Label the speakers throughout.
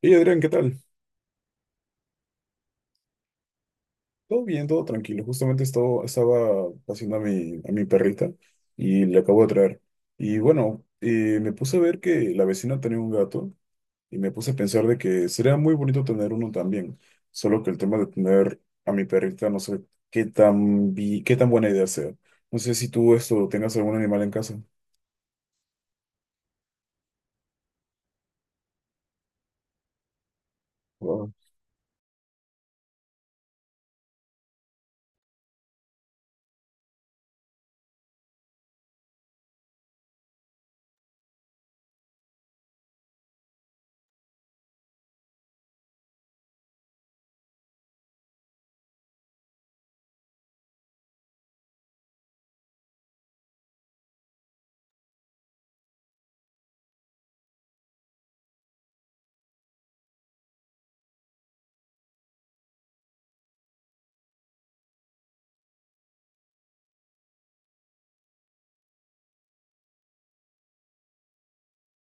Speaker 1: Hey Adrián, ¿qué tal? Todo bien, todo tranquilo. Justamente estaba haciendo a a mi perrita y le acabo de traer. Y bueno, me puse a ver que la vecina tenía un gato y me puse a pensar de que sería muy bonito tener uno también. Solo que el tema de tener a mi perrita, no sé qué tan buena idea sea. No sé si tú esto tengas algún animal en casa. Wow,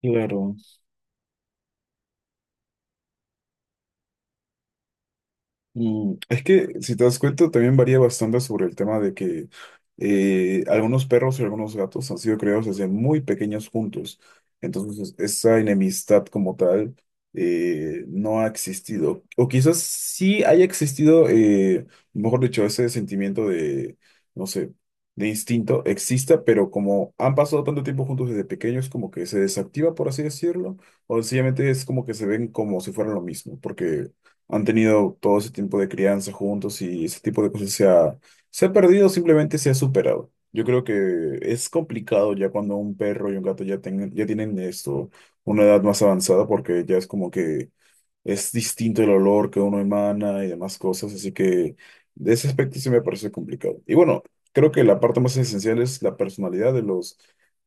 Speaker 1: claro. Mm. Es que, si te das cuenta, también varía bastante sobre el tema de que algunos perros y algunos gatos han sido criados desde muy pequeños juntos. Entonces, esa enemistad como tal no ha existido. O quizás sí haya existido, mejor dicho, ese sentimiento de, no sé, de instinto exista, pero como han pasado tanto tiempo juntos desde pequeños, como que se desactiva, por así decirlo, o sencillamente es como que se ven como si fueran lo mismo, porque han tenido todo ese tiempo de crianza juntos y ese tipo de cosas se ha perdido, simplemente se ha superado. Yo creo que es complicado ya cuando un perro y un gato ya, ya tienen una edad más avanzada, porque ya es como que es distinto el olor que uno emana y demás cosas, así que de ese aspecto sí me parece complicado. Y bueno, creo que la parte más esencial es la personalidad de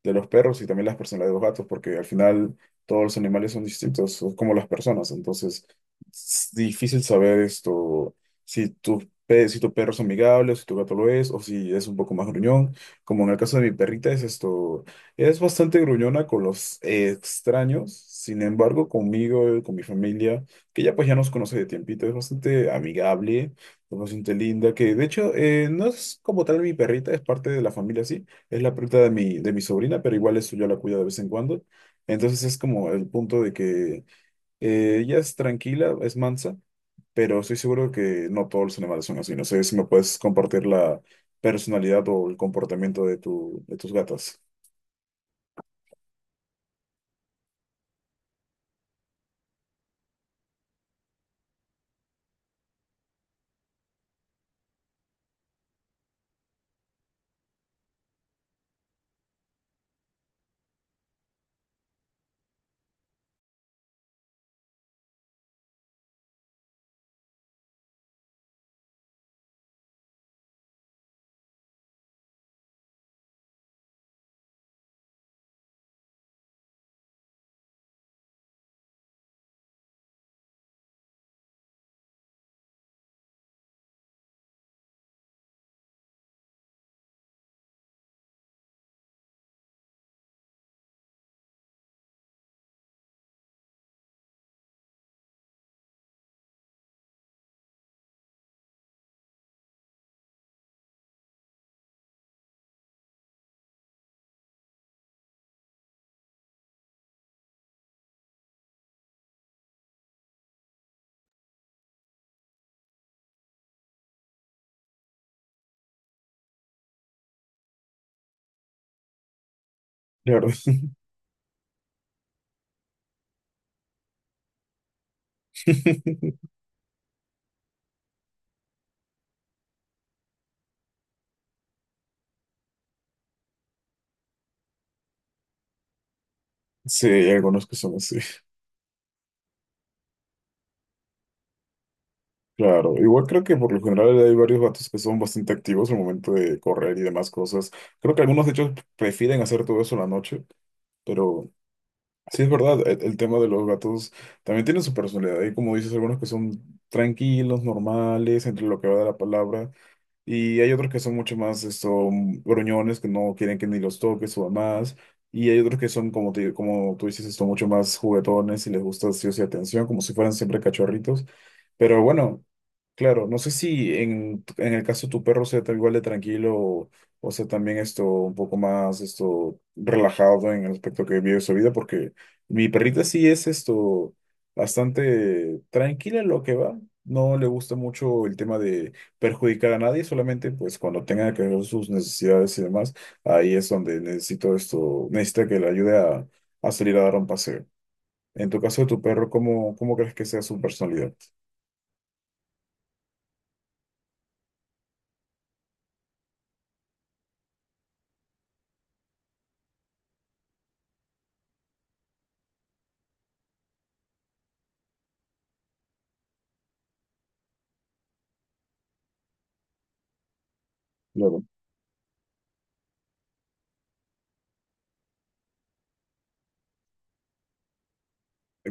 Speaker 1: de los perros y también las personalidades de los gatos, porque al final todos los animales son distintos, son como las personas, entonces es difícil saber si si tu perro es amigable, si tu gato lo es, o si es un poco más gruñón, como en el caso de mi perrita es esto. Es bastante gruñona con los extraños, sin embargo, conmigo, con mi familia que ya pues ya nos conoce de tiempito, es bastante amigable, es bastante linda, que de hecho no es como tal mi perrita, es parte de la familia, sí, es la perrita de de mi sobrina, pero igual eso yo la cuido de vez en cuando. Entonces es como el punto de que ella es tranquila, es mansa, pero estoy seguro que no todos los animales son así. No sé si me puedes compartir la personalidad o el comportamiento de, de tus gatas. Claro. Sí, algunos que son así. Claro, igual creo que por lo general hay varios vatos que son bastante activos al momento de correr y demás cosas. Creo que algunos de ellos prefieren hacer todo eso en la noche, pero sí es verdad, el tema de los gatos también tiene su personalidad. Y como dices, algunos que son tranquilos, normales, entre lo que va de la palabra, y hay otros que son mucho más gruñones, que no quieren que ni los toques o más. Y hay otros que son, como, como tú dices, mucho más juguetones y les gusta sí o sí atención, como si fueran siempre cachorritos. Pero bueno, claro, no sé si en el caso de tu perro sea tal igual de tranquilo o sea también esto un poco más esto relajado en el aspecto que vive su vida, porque mi perrita sí es esto bastante tranquila en lo que va. No le gusta mucho el tema de perjudicar a nadie, solamente pues cuando tenga que ver sus necesidades y demás, ahí es donde necesita que le ayude a salir a dar un paseo. En tu caso de tu perro, ¿cómo, cómo crees que sea su personalidad? Claro.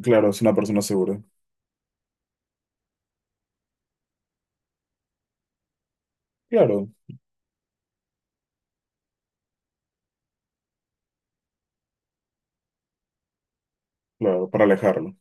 Speaker 1: Claro, es una persona segura. Claro, claro, para alejarlo.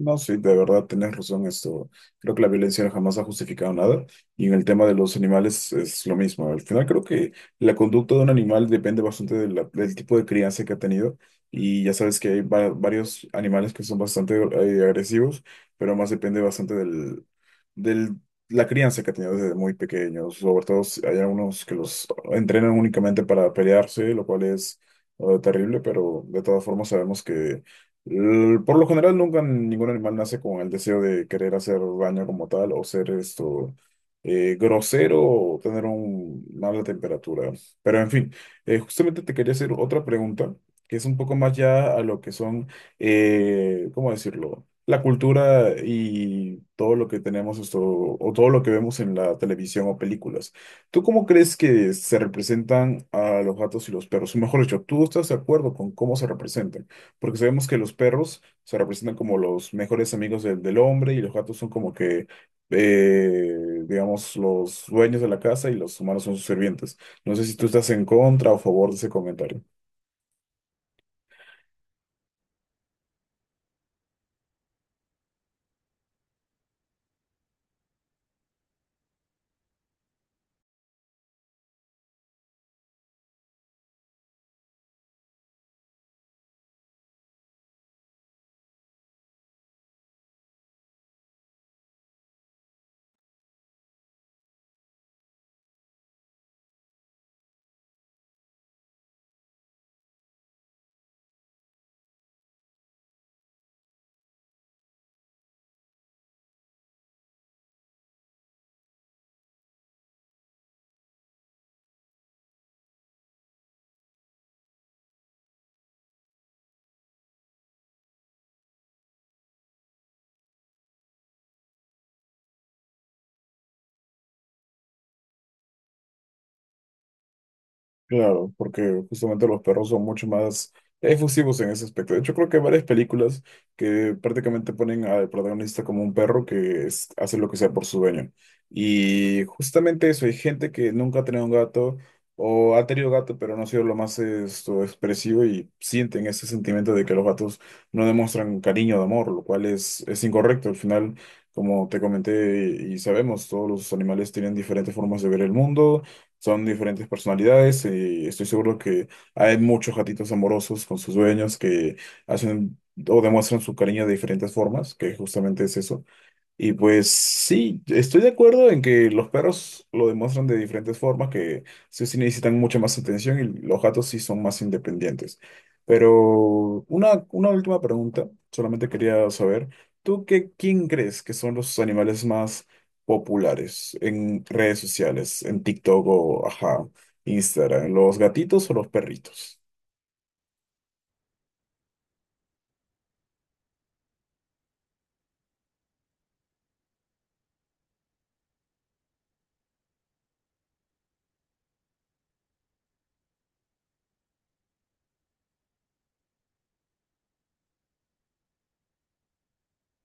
Speaker 1: No, sí, de verdad, tienes razón esto. Creo que la violencia jamás ha justificado nada. Y en el tema de los animales es lo mismo. Al final creo que la conducta de un animal depende bastante de del tipo de crianza que ha tenido. Y ya sabes que hay varios animales que son bastante agresivos, pero más depende bastante del la crianza que ha tenido desde muy pequeños. Sobre todo si hay algunos que los entrenan únicamente para pelearse, lo cual es terrible, pero de todas formas sabemos que por lo general, nunca ningún animal nace con el deseo de querer hacer daño como tal o ser esto grosero o tener una mala temperatura. Pero en fin, justamente te quería hacer otra pregunta que es un poco más ya a lo que son, ¿cómo decirlo? La cultura y todo lo que tenemos esto o todo lo que vemos en la televisión o películas. ¿Tú cómo crees que se representan a los gatos y los perros? O mejor dicho, ¿tú estás de acuerdo con cómo se representan? Porque sabemos que los perros se representan como los mejores amigos del hombre y los gatos son como que, eh, digamos, los dueños de la casa y los humanos son sus sirvientes. No sé si tú estás en contra o a favor de ese comentario. Claro, porque justamente los perros son mucho más efusivos en ese aspecto. De hecho, creo que hay varias películas que prácticamente ponen al protagonista como un perro que hace lo que sea por su dueño. Y justamente eso, hay gente que nunca ha tenido un gato o ha tenido gato pero no ha sido lo más expresivo y sienten ese sentimiento de que los gatos no demuestran cariño o amor, lo cual es incorrecto. Al final, como te comenté y sabemos, todos los animales tienen diferentes formas de ver el mundo, son diferentes personalidades y estoy seguro que hay muchos gatitos amorosos con sus dueños que hacen o demuestran su cariño de diferentes formas, que justamente es eso. Y pues sí, estoy de acuerdo en que los perros lo demuestran de diferentes formas, que sí, sí necesitan mucha más atención y los gatos sí son más independientes. Pero una última pregunta, solamente quería saber, ¿ quién crees que son los animales más populares en redes sociales, en TikTok o ajá, Instagram, ¿los gatitos o los perritos?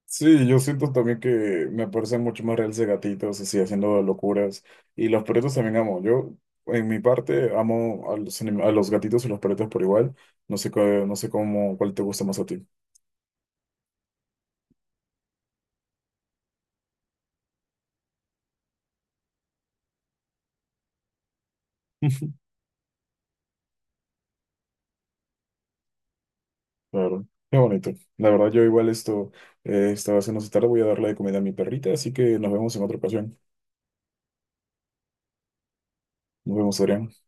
Speaker 1: Sí, yo siento también que me parecen mucho más reales de gatitos, así, haciendo locuras. Y los perritos también amo. Yo, en mi parte, amo a los, a los gatitos y los perritos por igual. No sé, no sé cómo, cuál te gusta más a ti. Claro, qué bonito. La verdad, yo igual esto estaba haciendo esta tarde, voy a darle de comida a mi perrita, así que nos vemos en otra ocasión. Nos vemos, Adrián.